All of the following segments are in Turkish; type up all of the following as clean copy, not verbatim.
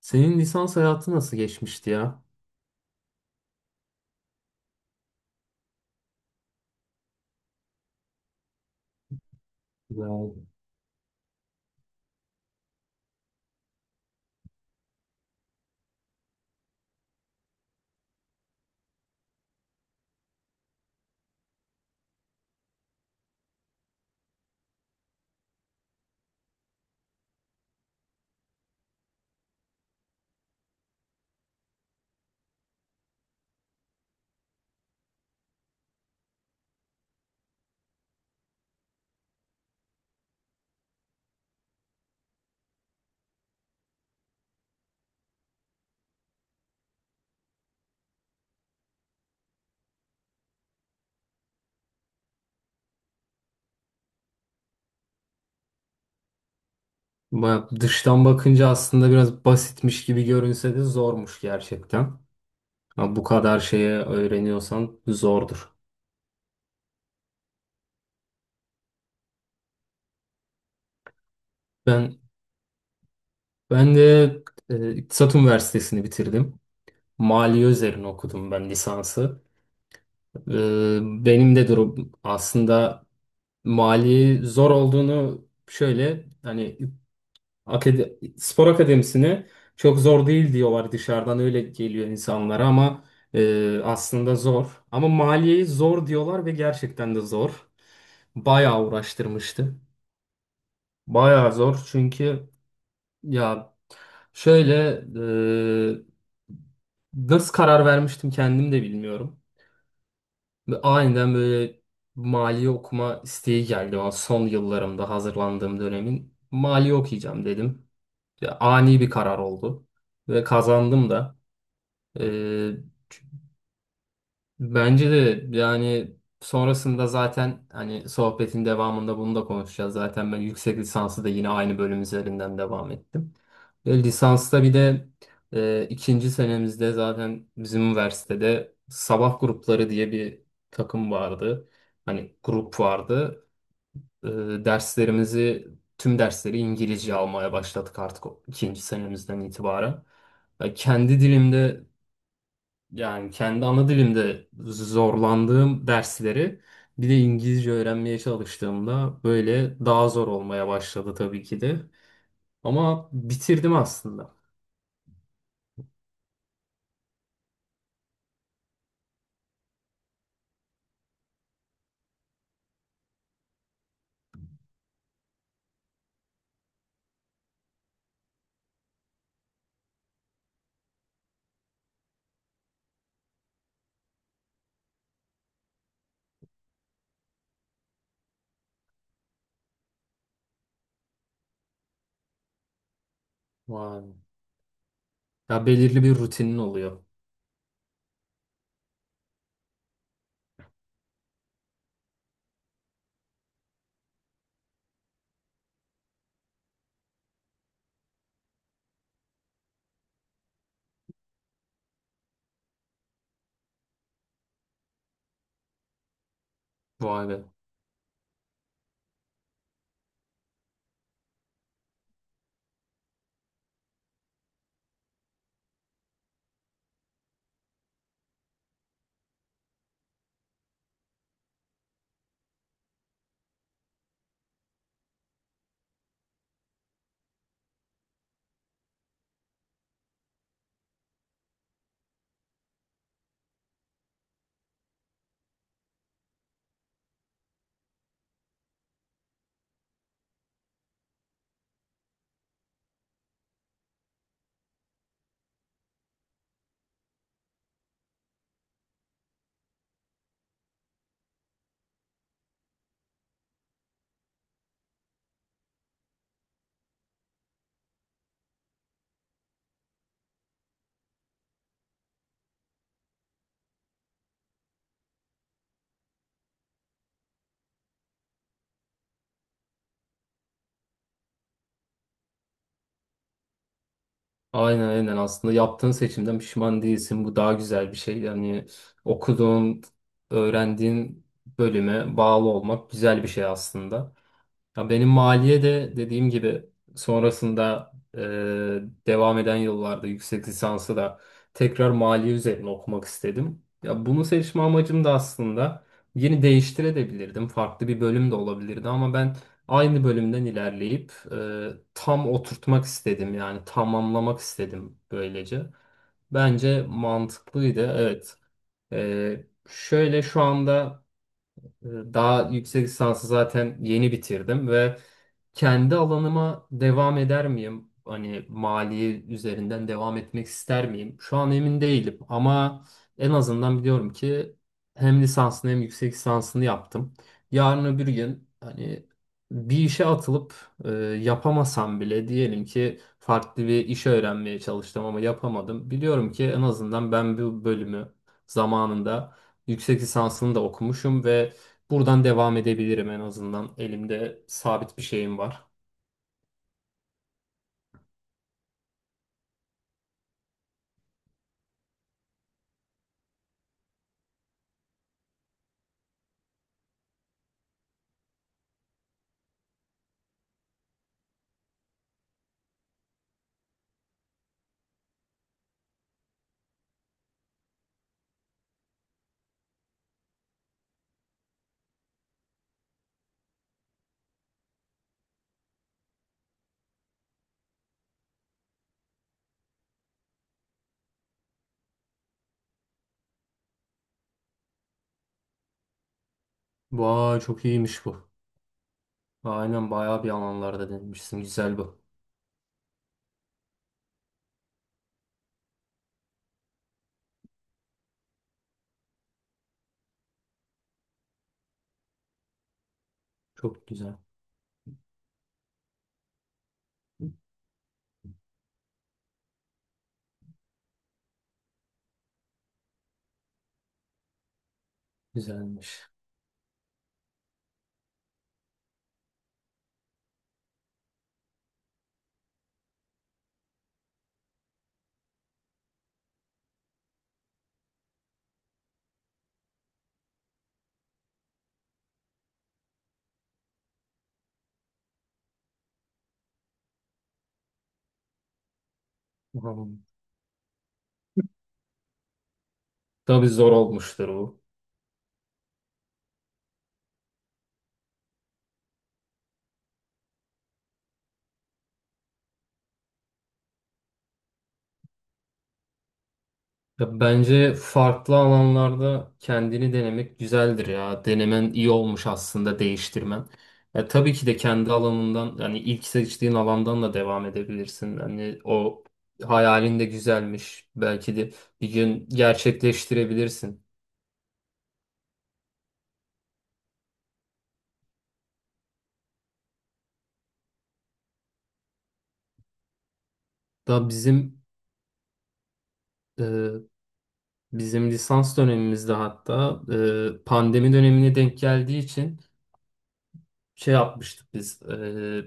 Senin lisans hayatı nasıl geçmişti ya? Güzel. Dıştan bakınca aslında biraz basitmiş gibi görünse de zormuş gerçekten. Ama bu kadar şeye öğreniyorsan zordur. Ben ben de İktisat Üniversitesi'ni bitirdim. Maliye üzerine okudum ben lisansı. E, Benim de durum aslında mali zor olduğunu şöyle hani spor akademisini çok zor değil diyorlar dışarıdan öyle geliyor insanlara ama aslında zor. Ama maliyeyi zor diyorlar ve gerçekten de zor. Bayağı uğraştırmıştı. Bayağı zor çünkü ya şöyle e, nasıl karar vermiştim kendim de bilmiyorum. Ve aniden böyle maliye okuma isteği geldi o son yıllarımda hazırlandığım dönemin. Maliye okuyacağım dedim. Ya, ani bir karar oldu ve kazandım da. Ee, Bence de yani sonrasında zaten hani sohbetin devamında bunu da konuşacağız. Zaten ben yüksek lisansı da yine aynı bölüm üzerinden devam ettim. Ve lisansta bir de ikinci senemizde zaten bizim üniversitede sabah grupları diye bir takım vardı. Hani grup vardı. E, Derslerimizi tüm dersleri İngilizce almaya başladık artık o ikinci senemizden itibaren. Ya kendi dilimde yani kendi ana dilimde zorlandığım dersleri bir de İngilizce öğrenmeye çalıştığımda böyle daha zor olmaya başladı tabii ki de. Ama bitirdim aslında. Vay be. Ya belirli bir rutinin oluyor. Vay be. Aynen, aynen, aslında yaptığın seçimden pişman değilsin. Bu daha güzel bir şey. Yani okuduğun, öğrendiğin bölüme bağlı olmak güzel bir şey aslında. Ya benim maliye de dediğim gibi sonrasında devam eden yıllarda yüksek lisansı da tekrar maliye üzerine okumak istedim. Ya bunu seçme amacım da aslında yeni değiştirebilirdim. Farklı bir bölüm de olabilirdi ama ben aynı bölümden ilerleyip tam oturtmak istedim. Yani tamamlamak istedim böylece. Bence mantıklıydı. Evet. Şöyle şu anda ee, daha yüksek lisansı zaten yeni bitirdim ve kendi alanıma devam eder miyim? Hani mali üzerinden devam etmek ister miyim? Şu an emin değilim ama en azından biliyorum ki hem lisansını hem yüksek lisansını yaptım. Yarın öbür gün hani bir işe atılıp e, yapamasam bile diyelim ki farklı bir işe öğrenmeye çalıştım ama yapamadım. Biliyorum ki en azından ben bu bölümü zamanında yüksek lisansını da okumuşum ve buradan devam edebilirim en azından. Elimde sabit bir şeyim var. Vay, çok iyiymiş bu. Aynen, bayağı bir alanlarda denemişsin. Güzel bu. Çok güzel. Güzelmiş. Tamam. Tabii zor olmuştur bu. Ya bence farklı alanlarda kendini denemek güzeldir ya. Denemen iyi olmuş aslında değiştirmen. Ya tabii ki de kendi alanından yani ilk seçtiğin alandan da devam edebilirsin. Hani o hayalin de güzelmiş. Belki de bir gün gerçekleştirebilirsin. Da bizim e, bizim lisans dönemimizde hatta pandemi dönemine denk geldiği için şey yapmıştık biz.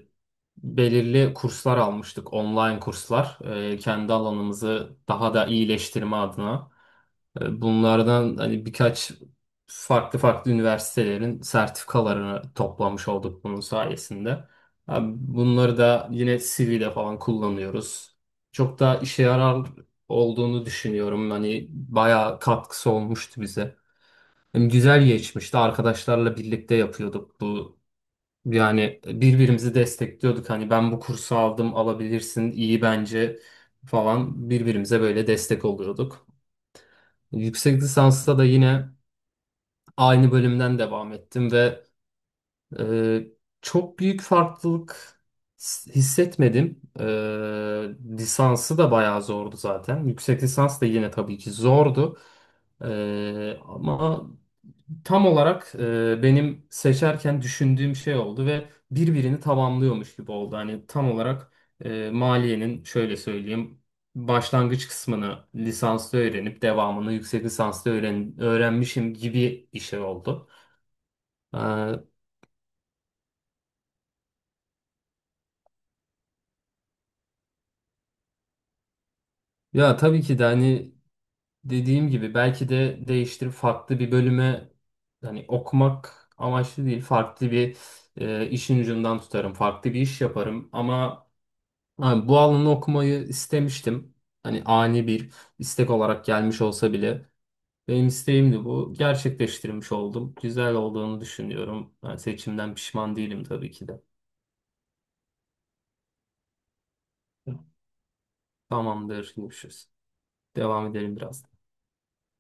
Belirli kurslar almıştık, online kurslar. Kendi alanımızı daha da iyileştirme adına. Bunlardan hani birkaç farklı farklı üniversitelerin sertifikalarını toplamış olduk bunun sayesinde. Abi, bunları da yine CV'de falan kullanıyoruz. Çok da işe yarar olduğunu düşünüyorum. Hani bayağı katkısı olmuştu bize. Hem güzel geçmişti. Arkadaşlarla birlikte yapıyorduk bu. Yani birbirimizi destekliyorduk. Hani ben bu kursu aldım, alabilirsin, iyi bence falan birbirimize böyle destek oluyorduk. Yüksek lisansta da yine aynı bölümden devam ettim ve e, çok büyük farklılık hissetmedim. Lisansı da bayağı zordu zaten. Yüksek lisans da yine tabii ki zordu. Ama tam olarak benim seçerken düşündüğüm şey oldu ve birbirini tamamlıyormuş gibi oldu. Hani tam olarak maliyenin şöyle söyleyeyim. Başlangıç kısmını lisansta öğrenip devamını yüksek lisansta öğrenmişim gibi bir şey oldu. Aa, ya tabii ki de hani dediğim gibi belki de değiştirip farklı bir bölüme hani okumak amaçlı değil farklı bir işin ucundan tutarım farklı bir iş yaparım ama hani bu alanı okumayı istemiştim hani ani bir istek olarak gelmiş olsa bile benim isteğimdi bu gerçekleştirmiş oldum güzel olduğunu düşünüyorum yani seçimden pişman değilim tabii ki de. Tamamdır, görüşürüz. Devam edelim biraz.